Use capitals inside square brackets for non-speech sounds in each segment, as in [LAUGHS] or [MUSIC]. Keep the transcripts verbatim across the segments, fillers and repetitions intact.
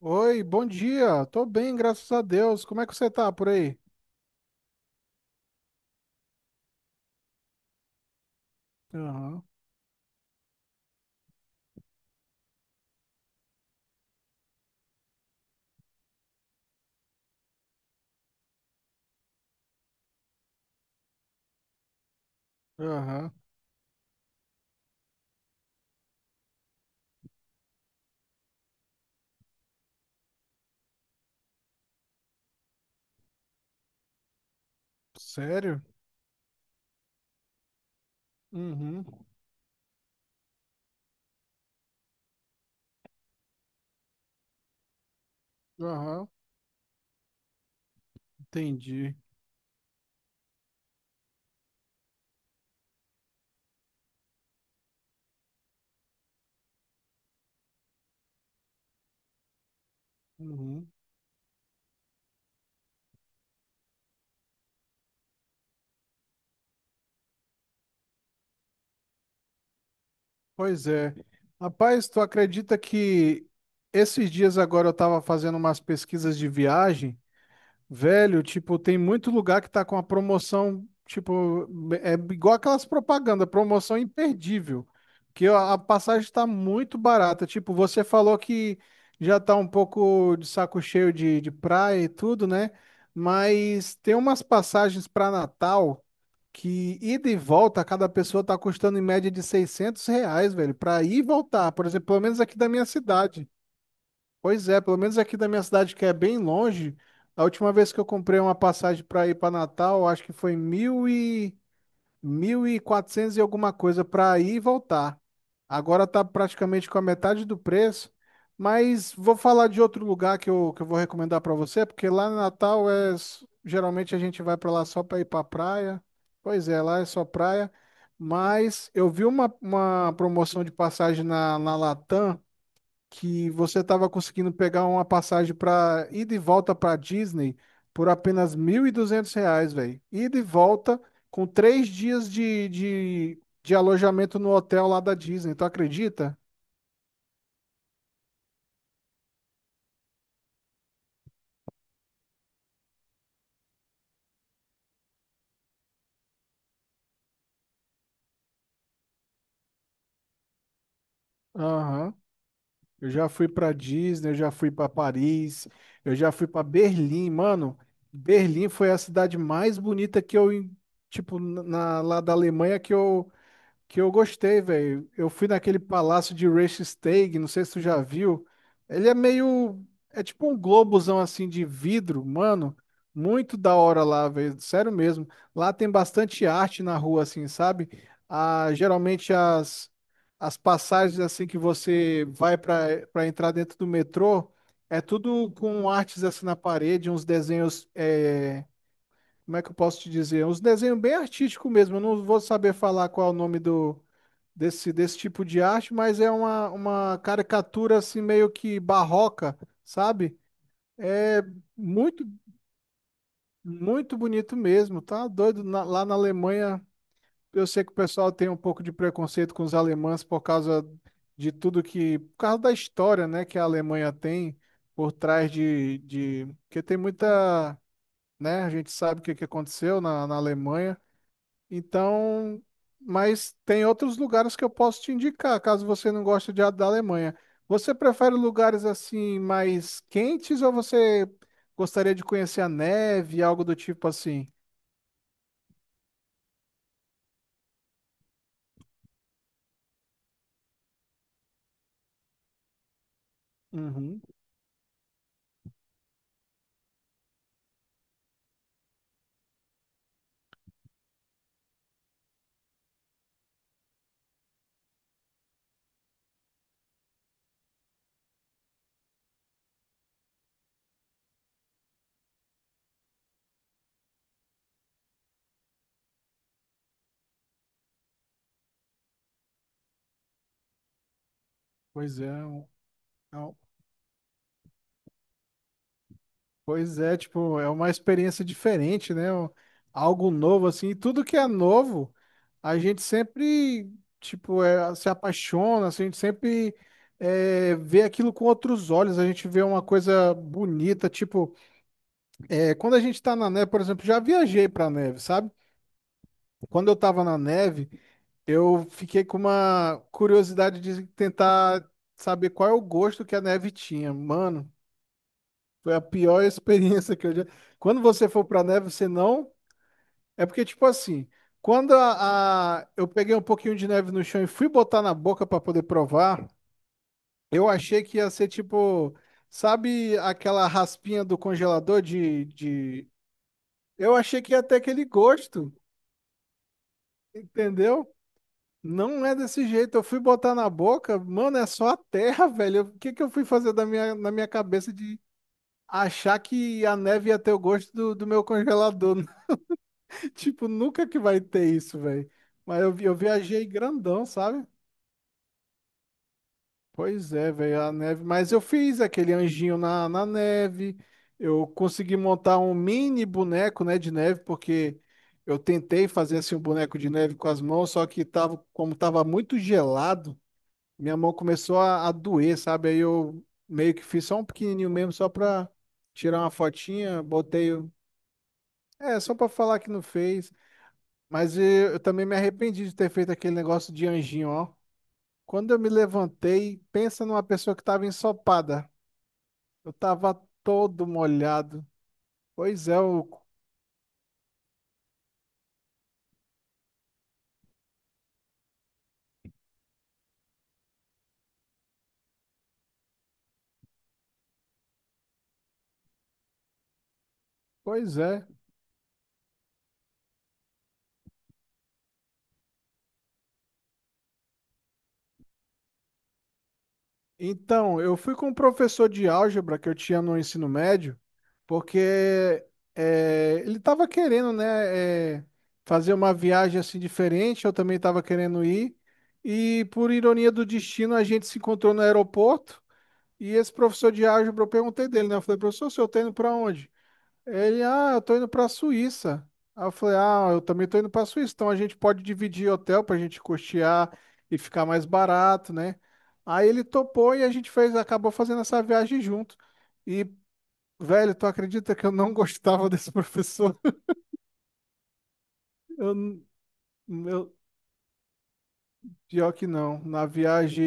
Oi, bom dia. Tô bem, graças a Deus. Como é que você tá por aí? Aham, aham. Sério? Uhum, aham. Entendi. Uhum. Pois é. Rapaz, tu acredita que esses dias agora eu tava fazendo umas pesquisas de viagem. Velho, tipo, tem muito lugar que tá com a promoção, tipo, é igual aquelas propagandas, promoção imperdível, que a a passagem tá muito barata. Tipo, você falou que já tá um pouco de saco cheio de, de praia e tudo, né? Mas tem umas passagens para Natal que ida e volta, cada pessoa tá custando em média de seiscentos reais, velho, para ir e voltar, por exemplo, pelo menos aqui da minha cidade. Pois é, pelo menos aqui da minha cidade, que é bem longe, a última vez que eu comprei uma passagem para ir para Natal, acho que foi mil e... mil e quatrocentos e quatrocentos e alguma coisa para ir e voltar. Agora tá praticamente com a metade do preço, mas vou falar de outro lugar que eu, que eu vou recomendar para você, porque lá no Natal é s- geralmente a gente vai para lá só para ir para praia. Pois é, lá é só praia. Mas eu vi uma, uma promoção de passagem na, na Latam que você estava conseguindo pegar uma passagem para ir de volta para Disney por apenas mil e duzentos reais, velho. Ir de volta com três dias de, de, de alojamento no hotel lá da Disney, tu acredita? Aham. Eu já fui para Disney, eu já fui para Paris, eu já fui para Berlim, mano. Berlim foi a cidade mais bonita que eu, em- tipo, na, lá da Alemanha que eu que eu gostei, velho. Eu fui naquele palácio de Reichstag, não sei se tu já viu. Ele é meio. É tipo um globozão assim de vidro, mano. Muito da hora lá, velho. Sério mesmo. Lá tem bastante arte na rua, assim, sabe? Ah, geralmente as, as passagens assim que você vai para para entrar dentro do metrô é tudo com artes assim na parede, uns desenhos. é, Como é que eu posso te dizer? Uns desenhos bem artísticos mesmo. Eu não vou saber falar qual é o nome do desse, desse tipo de arte, mas é uma, uma caricatura assim meio que barroca, sabe? É muito, muito bonito mesmo, tá? Doido. Na- lá na Alemanha, eu sei que o pessoal tem um pouco de preconceito com os alemães por causa de tudo que, por causa da história, né, que a Alemanha tem por trás de, de, porque tem muita, né, a gente sabe o que que aconteceu na, na Alemanha. Então, mas tem outros lugares que eu posso te indicar, caso você não goste de da Alemanha. Você prefere lugares assim mais quentes ou você gostaria de conhecer a neve, algo do tipo assim? Uhum. Pois é, um- é um- Pois é, tipo, é uma experiência diferente, né? Um- Algo novo, assim. E tudo que é novo, a gente sempre, tipo, é, se apaixona, assim, a gente sempre é, vê aquilo com outros olhos, a gente vê uma coisa bonita, tipo, é, quando a gente tá na neve, por exemplo, já viajei pra neve, sabe? Quando eu tava na neve, eu fiquei com uma curiosidade de tentar saber qual é o gosto que a neve tinha. Mano, foi a pior [LAUGHS] experiência que eu já... Quando você for pra neve, você não. É porque, tipo assim, quando a, a- eu peguei um pouquinho de neve no chão e fui botar na boca pra poder provar, eu achei que ia ser tipo, sabe aquela raspinha do congelador de, de... Eu achei que ia ter aquele gosto, entendeu? Não é desse jeito. Eu fui botar na boca, mano, é só a terra, velho. Eu- O que que eu fui fazer da minha, na minha cabeça de achar que a neve ia ter o gosto do, do meu congelador? [LAUGHS] Tipo, nunca que vai ter isso, velho. Mas eu, vi- eu viajei grandão, sabe? Pois é, velho, a neve. Mas eu fiz aquele anjinho na, na neve. Eu consegui montar um mini boneco, né, de neve, porque eu tentei fazer assim um boneco de neve com as mãos, só que tava, como tava muito gelado, minha mão começou a, a doer, sabe? Aí eu meio que fiz só um pequenininho mesmo, só pra tirar uma fotinha, botei. o- É, só pra falar que não fez. Mas eu, eu também me arrependi de ter feito aquele negócio de anjinho, ó. Quando eu me levantei, pensa numa pessoa que estava ensopada. Eu tava todo molhado. Pois é, o... pois é. Então, eu fui com um professor de álgebra que eu tinha no ensino médio, porque é, ele estava querendo, né, é, fazer uma viagem assim diferente, eu também estava querendo ir, e por ironia do destino, a gente se encontrou no aeroporto, e esse professor de álgebra, eu perguntei dele, né, eu falei, professor, o senhor tá indo pra onde? Ele, ah, eu tô indo pra Suíça. Aí eu falei, ah, eu também tô indo pra Suíça, então a gente pode dividir hotel pra gente custear e ficar mais barato, né? Aí ele topou e a gente fez, acabou fazendo essa viagem junto. E, velho, tu acredita que eu não [LAUGHS] gostava desse professor? Eu, n- eu, Pior que não. Na viagem,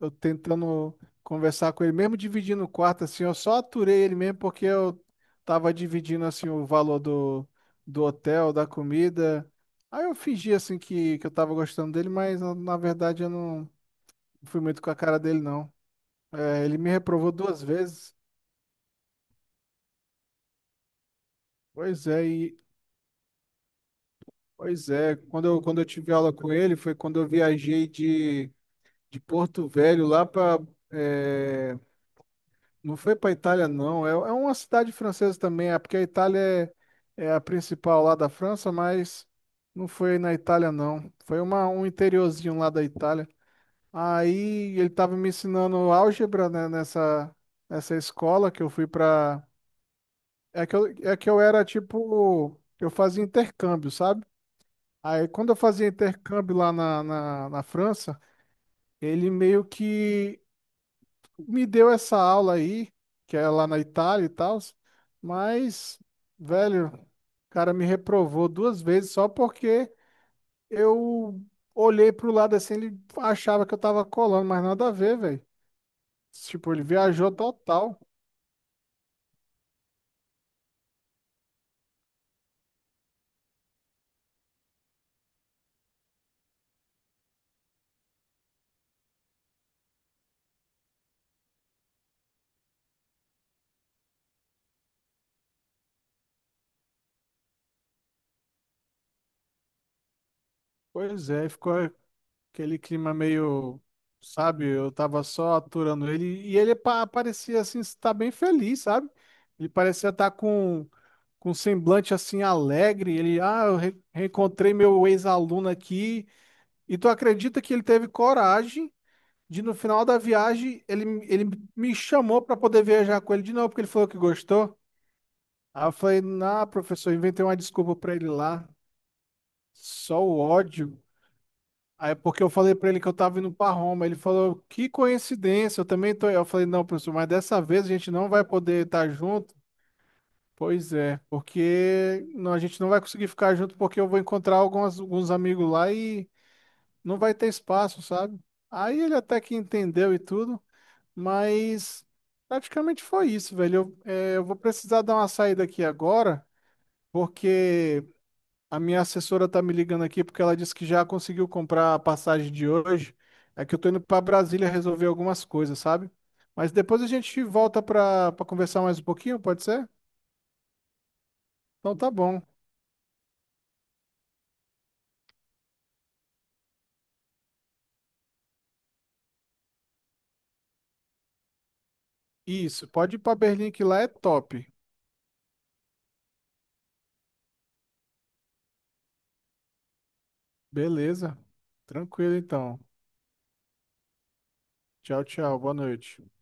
eu tentando conversar com ele, mesmo dividindo o quarto, assim, eu só aturei ele mesmo porque eu tava dividindo, assim, o valor do, do hotel, da comida. Aí eu fingi, assim, que, que eu tava gostando dele, mas na, na verdade eu não fui muito com a cara dele, não. É, ele me reprovou duas vezes. Pois é, e, pois é. Quando eu, quando eu tive aula com ele, foi quando eu viajei de, de Porto Velho lá para. Não foi para Itália, não. É, é uma cidade francesa também, é porque a Itália é, é a principal lá da França, mas não foi na Itália, não. Foi uma, um interiorzinho lá da Itália. Aí ele estava me ensinando álgebra, né, nessa, nessa escola que eu fui para. É que eu, é que eu era tipo. Eu fazia intercâmbio, sabe? Aí quando eu fazia intercâmbio lá na, na, na França, ele meio que me deu essa aula aí, que é lá na Itália e tal, mas, velho, o cara me reprovou duas vezes só porque eu olhei pro lado assim, ele achava que eu tava colando, mas nada a ver, velho. Tipo, ele viajou total. Pois é, ficou aquele clima meio, sabe, eu tava só aturando ele e ele pa- parecia assim estar bem feliz, sabe? Ele parecia estar com com um semblante assim alegre, ele, ah, eu re- reencontrei meu ex-aluno aqui. E tu acredita que ele teve coragem de no final da viagem ele, ele me chamou para poder viajar com ele de novo, porque ele falou que gostou. Aí eu falei, não, professor, inventei uma desculpa para ele lá, só o ódio. Aí porque eu falei para ele que eu tava indo para Roma, ele falou, que coincidência, eu também tô. Eu falei, não, professor, mas dessa vez a gente não vai poder estar junto. Pois é, porque não- a gente não vai conseguir ficar junto porque eu vou encontrar algumas, alguns amigos lá e não vai ter espaço, sabe? Aí ele até que entendeu e tudo, mas praticamente foi isso, velho. Eu, é, eu vou precisar dar uma saída aqui agora, porque a minha assessora tá me ligando aqui porque ela disse que já conseguiu comprar a passagem de hoje. É que eu tô indo para Brasília resolver algumas coisas, sabe? Mas depois a gente volta para para conversar mais um pouquinho, pode ser? Então tá bom. Isso, pode ir pra Berlim que lá é top. Beleza. Tranquilo então. Tchau, tchau. Boa noite.